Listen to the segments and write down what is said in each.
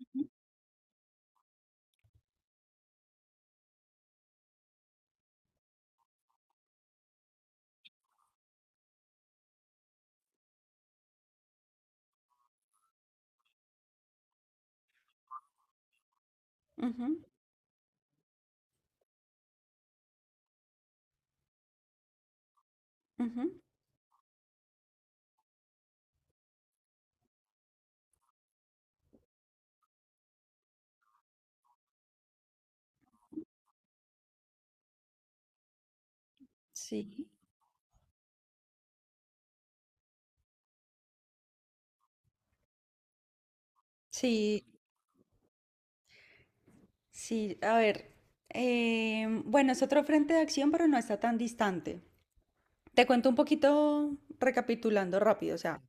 Ujú, ujú. Sí, sí, sí. A ver, bueno, es otro frente de acción, pero no está tan distante. Te cuento un poquito recapitulando rápido. O sea,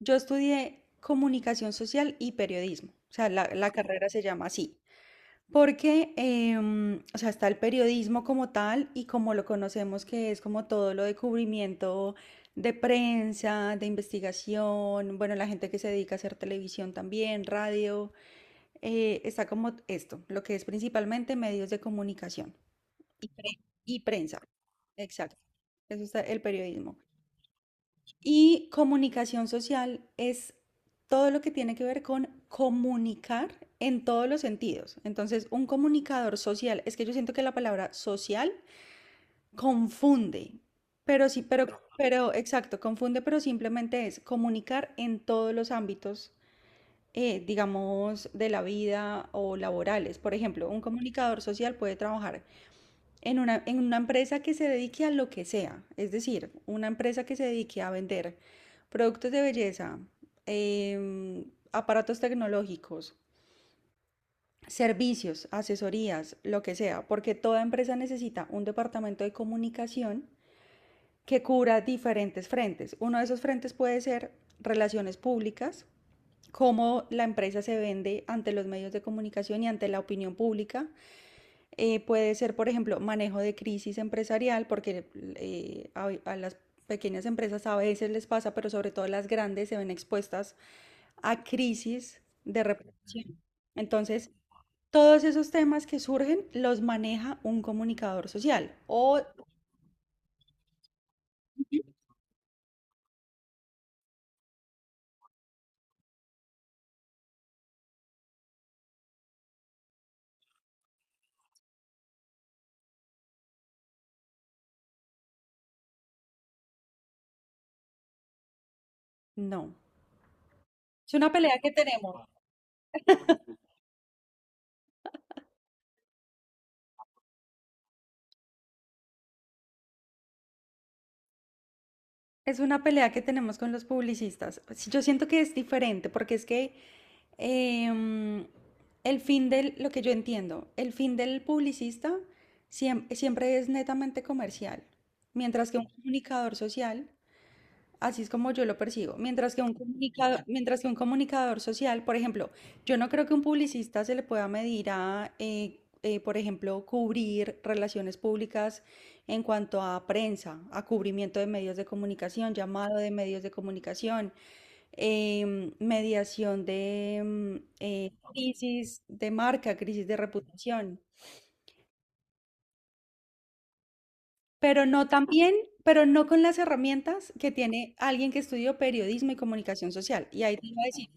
yo estudié comunicación social y periodismo. O sea, la carrera se llama así. Porque, o sea, está el periodismo como tal y como lo conocemos, que es como todo lo de cubrimiento de prensa, de investigación, bueno, la gente que se dedica a hacer televisión también, radio. Está como esto, lo que es principalmente medios de comunicación y, y prensa. Exacto. Eso está el periodismo. Y comunicación social es todo lo que tiene que ver con comunicar en todos los sentidos. Entonces, un comunicador social, es que yo siento que la palabra social confunde, pero sí, pero exacto, confunde, pero simplemente es comunicar en todos los ámbitos digamos, de la vida o laborales. Por ejemplo, un comunicador social puede trabajar en una empresa que se dedique a lo que sea, es decir, una empresa que se dedique a vender productos de belleza, em, aparatos tecnológicos, servicios, asesorías, lo que sea, porque toda empresa necesita un departamento de comunicación que cubra diferentes frentes. Uno de esos frentes puede ser relaciones públicas, cómo la empresa se vende ante los medios de comunicación y ante la opinión pública. Puede ser, por ejemplo, manejo de crisis empresarial, porque a las pequeñas empresas a veces les pasa, pero sobre todo las grandes se ven expuestas a crisis de reputación. Entonces, todos esos temas que surgen los maneja un comunicador social o no. Es una pelea que tenemos. Es una pelea que tenemos con los publicistas. Sí, yo siento que es diferente porque es que em, el fin del, lo que yo entiendo, el fin del publicista siempre es netamente comercial, mientras que un comunicador social. Así es como yo lo percibo. Mientras que un comunicador, mientras que un comunicador social, por ejemplo, yo no creo que un publicista se le pueda medir a, por ejemplo, cubrir relaciones públicas en cuanto a prensa, a cubrimiento de medios de comunicación, llamado de medios de comunicación, mediación de crisis de marca, crisis de reputación. Pero no también, pero no con las herramientas que tiene alguien que estudió periodismo y comunicación social. Y ahí te iba a decir.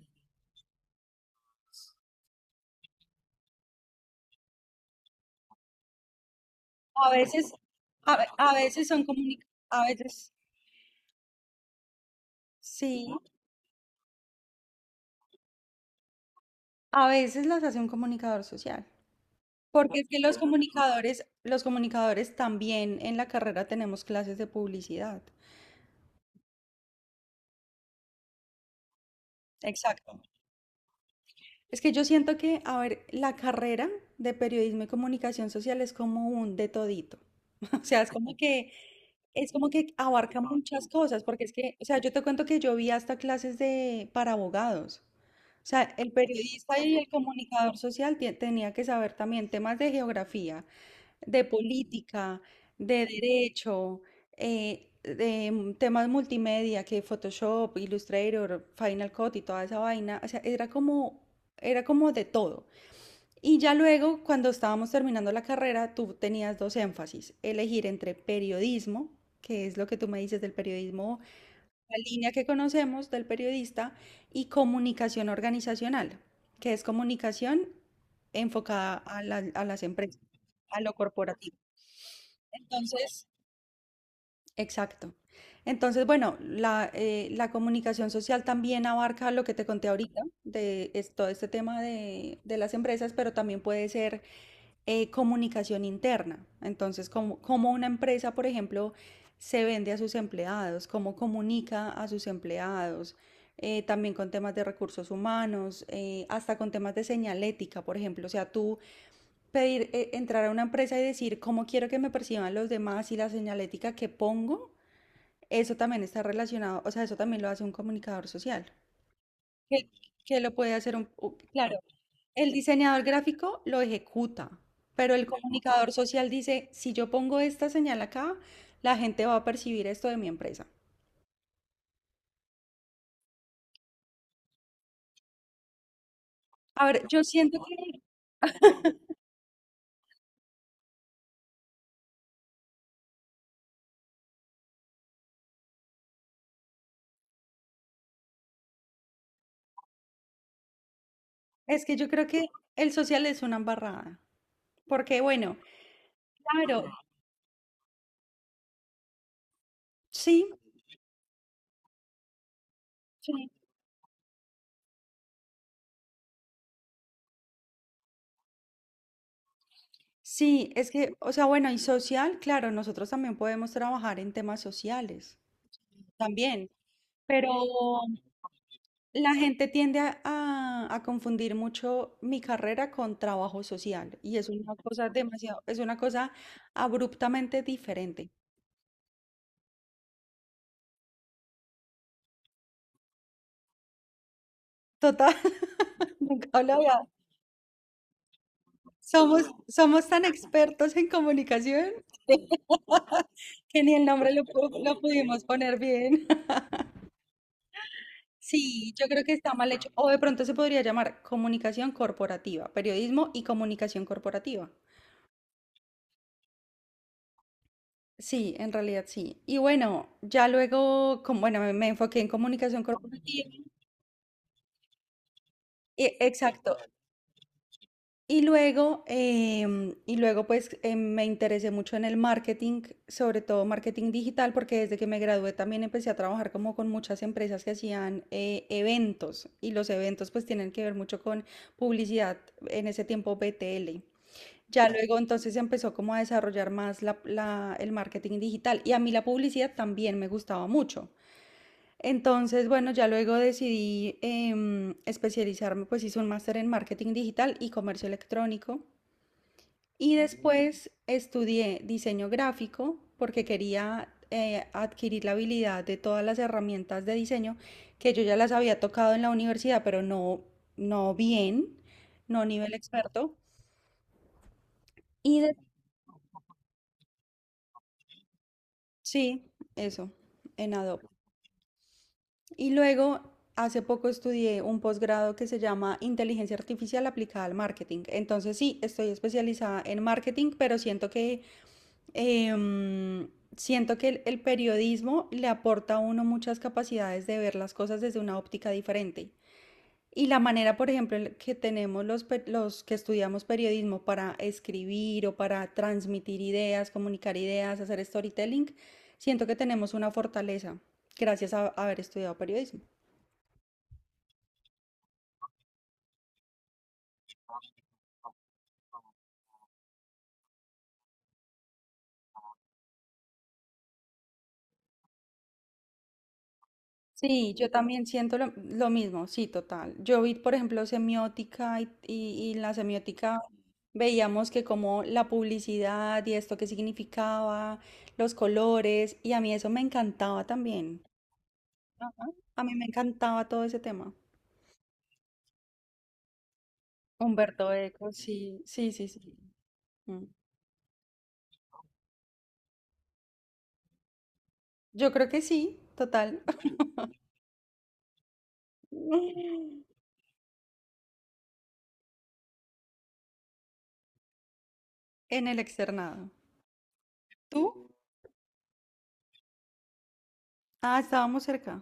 A veces, a veces, sí, a veces las hace un comunicador social. Porque es que los comunicadores también en la carrera tenemos clases de publicidad. Exacto. Es que yo siento que, a ver, la carrera de periodismo y comunicación social es como un de todito. O sea, es como que abarca muchas cosas, porque es que, o sea, yo te cuento que yo vi hasta clases de, para abogados. O sea, el periodista y el comunicador social tenía que saber también temas de geografía, de política, de derecho, temas multimedia, que Photoshop, Illustrator, Final Cut y toda esa vaina. O sea, era como de todo. Y ya luego, cuando estábamos terminando la carrera, tú tenías dos énfasis, elegir entre periodismo, que es lo que tú me dices del periodismo, la línea que conocemos del periodista, y comunicación organizacional, que es comunicación enfocada a a las empresas, a lo corporativo. Entonces, exacto. Entonces, bueno, la, la comunicación social también abarca lo que te conté ahorita, de todo este tema de las empresas, pero también puede ser comunicación interna. Entonces, como, como una empresa, por ejemplo, se vende a sus empleados, cómo comunica a sus empleados, también con temas de recursos humanos, hasta con temas de señalética, por ejemplo. O sea, tú pedir, entrar a una empresa y decir cómo quiero que me perciban los demás y la señalética que pongo, eso también está relacionado, o sea, eso también lo hace un comunicador social. Que, que lo puede hacer un, claro, el diseñador gráfico lo ejecuta, pero el comunicador social dice, si yo pongo esta señal acá, la gente va a percibir esto de mi empresa. A ver, yo siento que es que yo creo que el social es una embarrada, porque bueno, claro, sí, sí, sí, es que, o sea, bueno, y social, claro, nosotros también podemos trabajar en temas sociales, también, pero la gente tiende a, a confundir mucho mi carrera con trabajo social y es una cosa demasiado, es una cosa abruptamente diferente. Total, nunca lo había. Somos, somos tan expertos en comunicación que ni el nombre lo, lo pudimos poner bien. Sí, yo creo que está mal hecho. O de pronto se podría llamar comunicación corporativa, periodismo y comunicación corporativa. Sí, en realidad sí. Y bueno, ya luego, como, bueno, me enfoqué en comunicación corporativa. Exacto. Y luego, y luego pues me interesé mucho en el marketing, sobre todo marketing digital, porque desde que me gradué también empecé a trabajar como con muchas empresas que hacían eventos y los eventos pues tienen que ver mucho con publicidad, en ese tiempo BTL. Ya luego entonces se empezó como a desarrollar más el marketing digital y a mí la publicidad también me gustaba mucho. Entonces, bueno, ya luego decidí especializarme, pues hice un máster en marketing digital y comercio electrónico. Y mm, después estudié diseño gráfico porque quería adquirir la habilidad de todas las herramientas de diseño que yo ya las había tocado en la universidad, pero no, no bien, no a nivel experto. Y sí, eso, en Adobe. Y luego, hace poco estudié un posgrado que se llama Inteligencia Artificial aplicada al marketing. Entonces sí, estoy especializada en marketing, pero siento que em, siento que el periodismo le aporta a uno muchas capacidades de ver las cosas desde una óptica diferente. Y la manera, por ejemplo, en que tenemos los que estudiamos periodismo para escribir o para transmitir ideas, comunicar ideas, hacer storytelling, siento que tenemos una fortaleza gracias a haber estudiado periodismo. Sí, yo también siento lo mismo, sí, total. Yo vi, por ejemplo, semiótica y, y en la semiótica veíamos que como la publicidad y esto que significaba, los colores, y a mí eso me encantaba también. Ajá. A mí me encantaba todo ese tema. Humberto Eco, sí, sí, sí, sí. Mm. Yo creo que sí, total. En el externado. ¿Tú? Ah, estábamos cerca.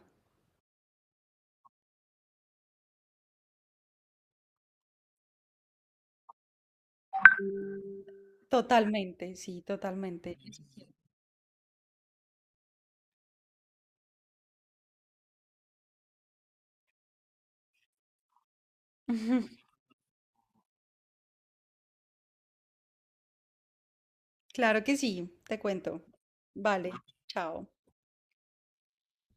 Totalmente, sí, totalmente. Claro que sí, te cuento. Vale, chao.